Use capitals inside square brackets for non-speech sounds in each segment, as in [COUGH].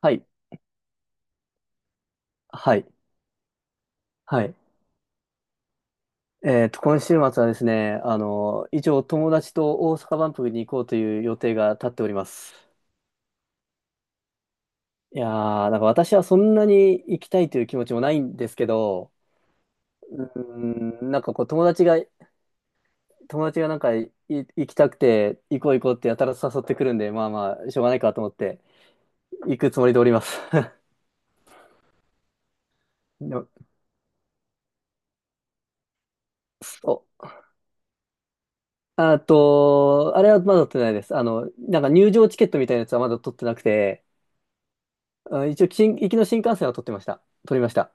はい。はい。はい。今週末はですね、以上、友達と大阪万博に行こうという予定が立っております。いやー、なんか私はそんなに行きたいという気持ちもないんですけど、うーん、なんかこう、友達がなんか行きたくて、行こう行こうってやたら誘ってくるんで、まあまあ、しょうがないかと思って、行くつもりでおります。[LAUGHS] でもそう。あと、あれはまだ取ってないです。なんか入場チケットみたいなやつはまだ取ってなくて、あ、一応、新行きの新幹線は撮ってました。撮りました。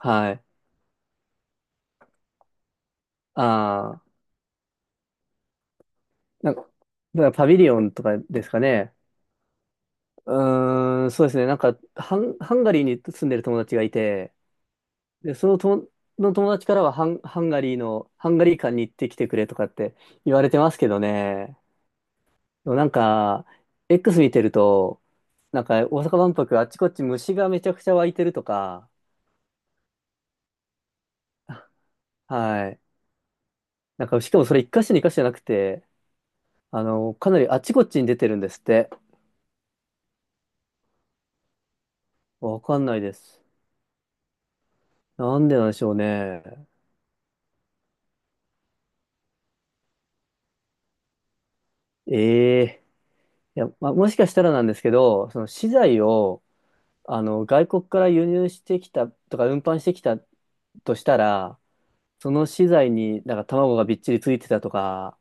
はい。ああ、なんか、だからパビリオンとかですかね。うーん、そうですね。なんか、ハンガリーに住んでる友達がいて、で、そのと、の友達からはハンガリー館に行ってきてくれとかって言われてますけどね。でもなんか、X 見てると、なんか大阪万博あっちこっち虫がめちゃくちゃ湧いてるとか、はい。なんか、しかもそれ一箇所二箇所じゃなくて、かなりあっちこっちに出てるんですって。わかんないです。なんでなんでしょうね。ええ、いや、まあ、もしかしたらなんですけど、その資材を、外国から輸入してきたとか、運搬してきたとしたら、その資材になんか卵がびっちりついてたとか、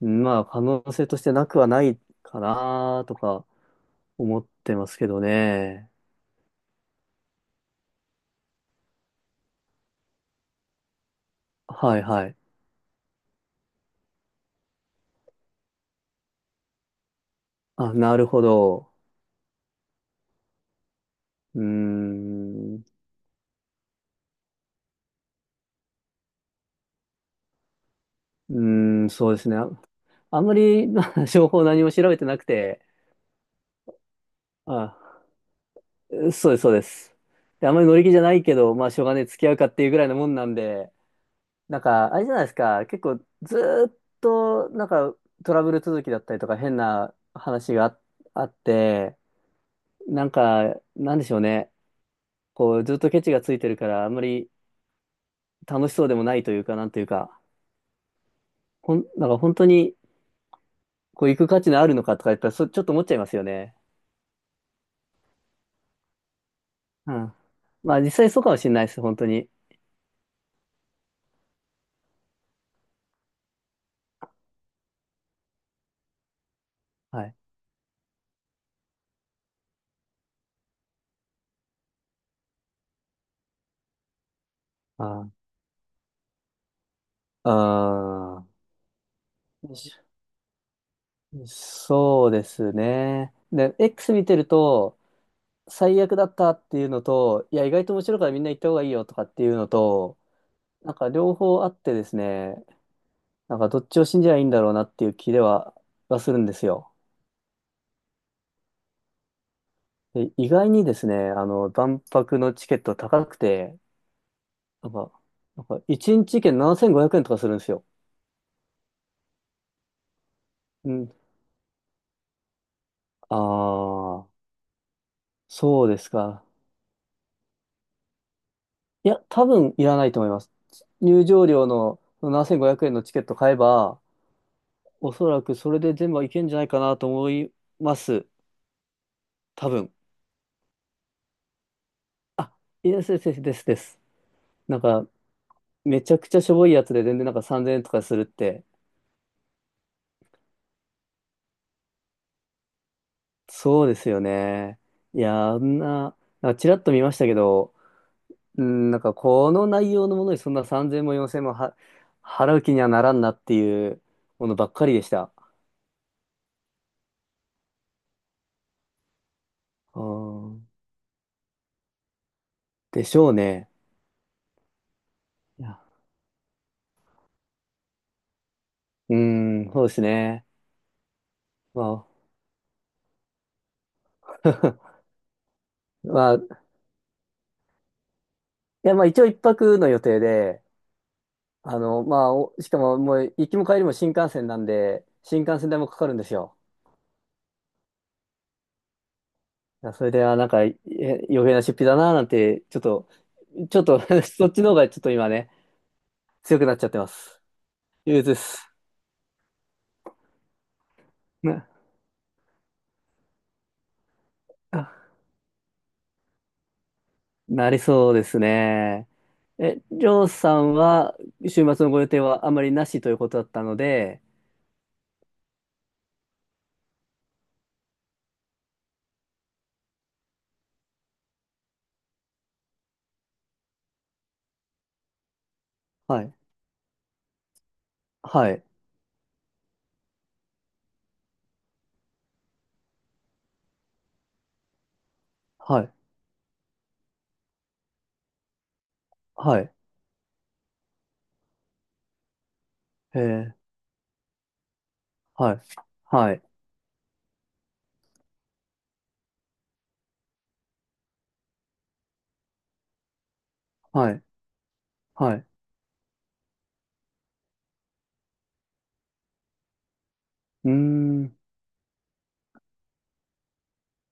まあ、可能性としてなくはないかなとか思ってますけどね。はいはい。あ、なるほど。うーん、うーん、そうですね。あ、あんまり、まあ情報何も調べてなくて、あ、そうです、そうです。であんまり乗り気じゃないけど、まあ、しょうがねえ、付き合うかっていうぐらいのもんなんで、なんか、あれじゃないですか、結構、ずーっと、なんか、トラブル続きだったりとか、変な話があって、なんか、なんでしょうね、こう、ずっとケチがついてるから、あんまり楽しそうでもないというか、なんというか、なんか本当に、こう、行く価値のあるのかとか言ったら、ちょっと思っちゃいますよね。うん。まあ、実際そうかもしれないです、本当に。はい。ああ。ああ。そうですね。で、X 見てると、最悪だったっていうのと、いや、意外と面白いからみんな行った方がいいよとかっていうのと、なんか両方あってですね、なんかどっちを信じりゃいいんだろうなっていう気では、はするんですよ。で、意外にですね、万博のチケット高くて、なんか、なんか1日券7500円とかするんですよ。うん。ああ、そうですか。いや、多分いらないと思います。入場料のその7500円のチケット買えば、おそらくそれで全部はいけんじゃないかなと思います。多分。あ、いや、ですですです。なんか、めちゃくちゃしょぼいやつで全然なんか3000円とかするって、そうですよね。いや、あんな、なんかちらっと見ましたけど、うん、なんかこの内容のものにそんな3000も4000もは払う気にはならんなっていうものばっかりでした。あーでしょうね。いや、うーん、そうですね。まあ、[LAUGHS] まあ、いや、まあ一応一泊の予定で、まあ、おしかももう行きも帰りも新幹線なんで、新幹線代もかかるんですよ。いやそれで、あ、なんか、余計な出費だな、なんて、ちょっと、 [LAUGHS] そっちの方がちょっと今ね、強くなっちゃってます。憂鬱です。な、あなりそうですね。りょうさんは、週末のご予定はあまりなしということだったので、はい、はい、はい、はい、えー、はい、はい、はい、はい。うーん。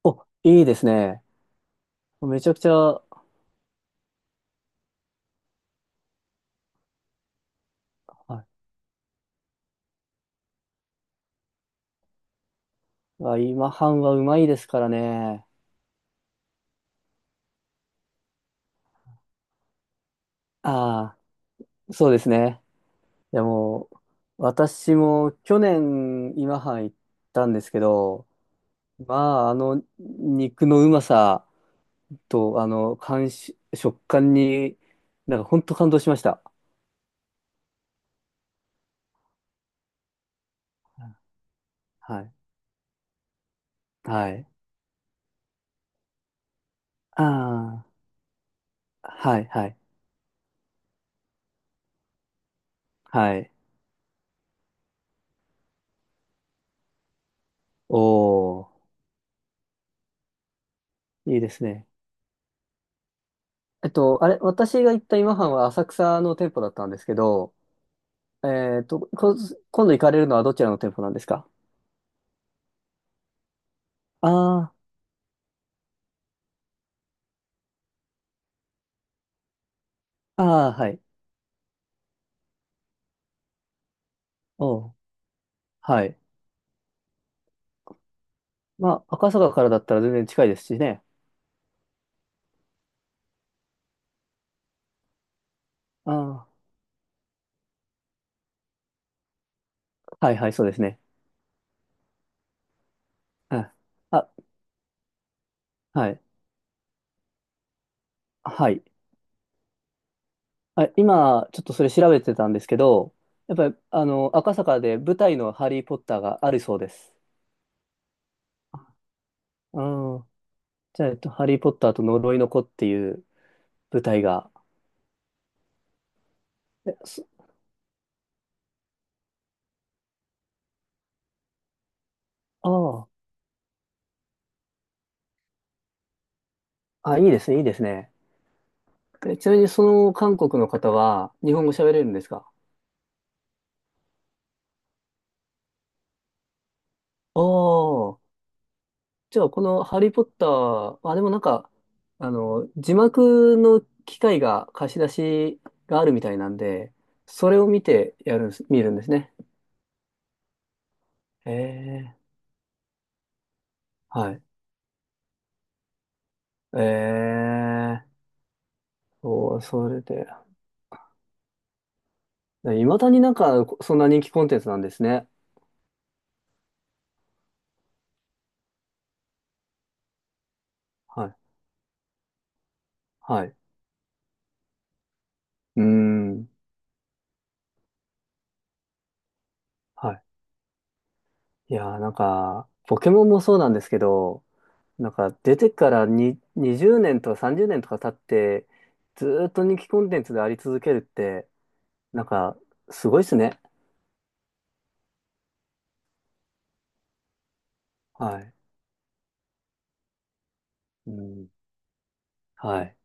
お、いいですね。めちゃくちゃ、はい。あ、今半はうまいですからね。ああ、そうですね。いやもう、私も去年今半行ったんですけど、まあ、あの肉のうまさと、食感に、なんか本当感動しました。はい。はい。ああ、はい、はい、はい。おー、いいですね。あれ、私が行った今半は浅草の店舗だったんですけど、えっと、こ、今度行かれるのはどちらの店舗なんですか？ああ、ああ、はい。おう、はい。まあ、赤坂からだったら全然近いですしね。ああ、はいはい、そうですね。あ、あ、はい。はい。あ、今、ちょっとそれ調べてたんですけど、やっぱり、赤坂で舞台のハリー・ポッターがあるそうです。うん。じゃあ、ハリー・ポッターと呪いの子っていう舞台が。え、そああ、あ、いいですね、いいですね。えちなみに、その韓国の方は、日本語喋れるんですか？ああ、じゃあこのハリーポッター、まあ、でもなんか、字幕の機械が貸し出しがあるみたいなんで、それを見るんですね。ええ、はい。ええ、そう、それで。いまだになんか、そんな人気コンテンツなんですね。はい。はい。うーん。はい。いやー、なんか、ポケモンもそうなんですけど、なんか出てからに20年とか30年とか経って、ずーっと人気コンテンツであり続けるって、なんかすごいっすね。はい。うん。はい。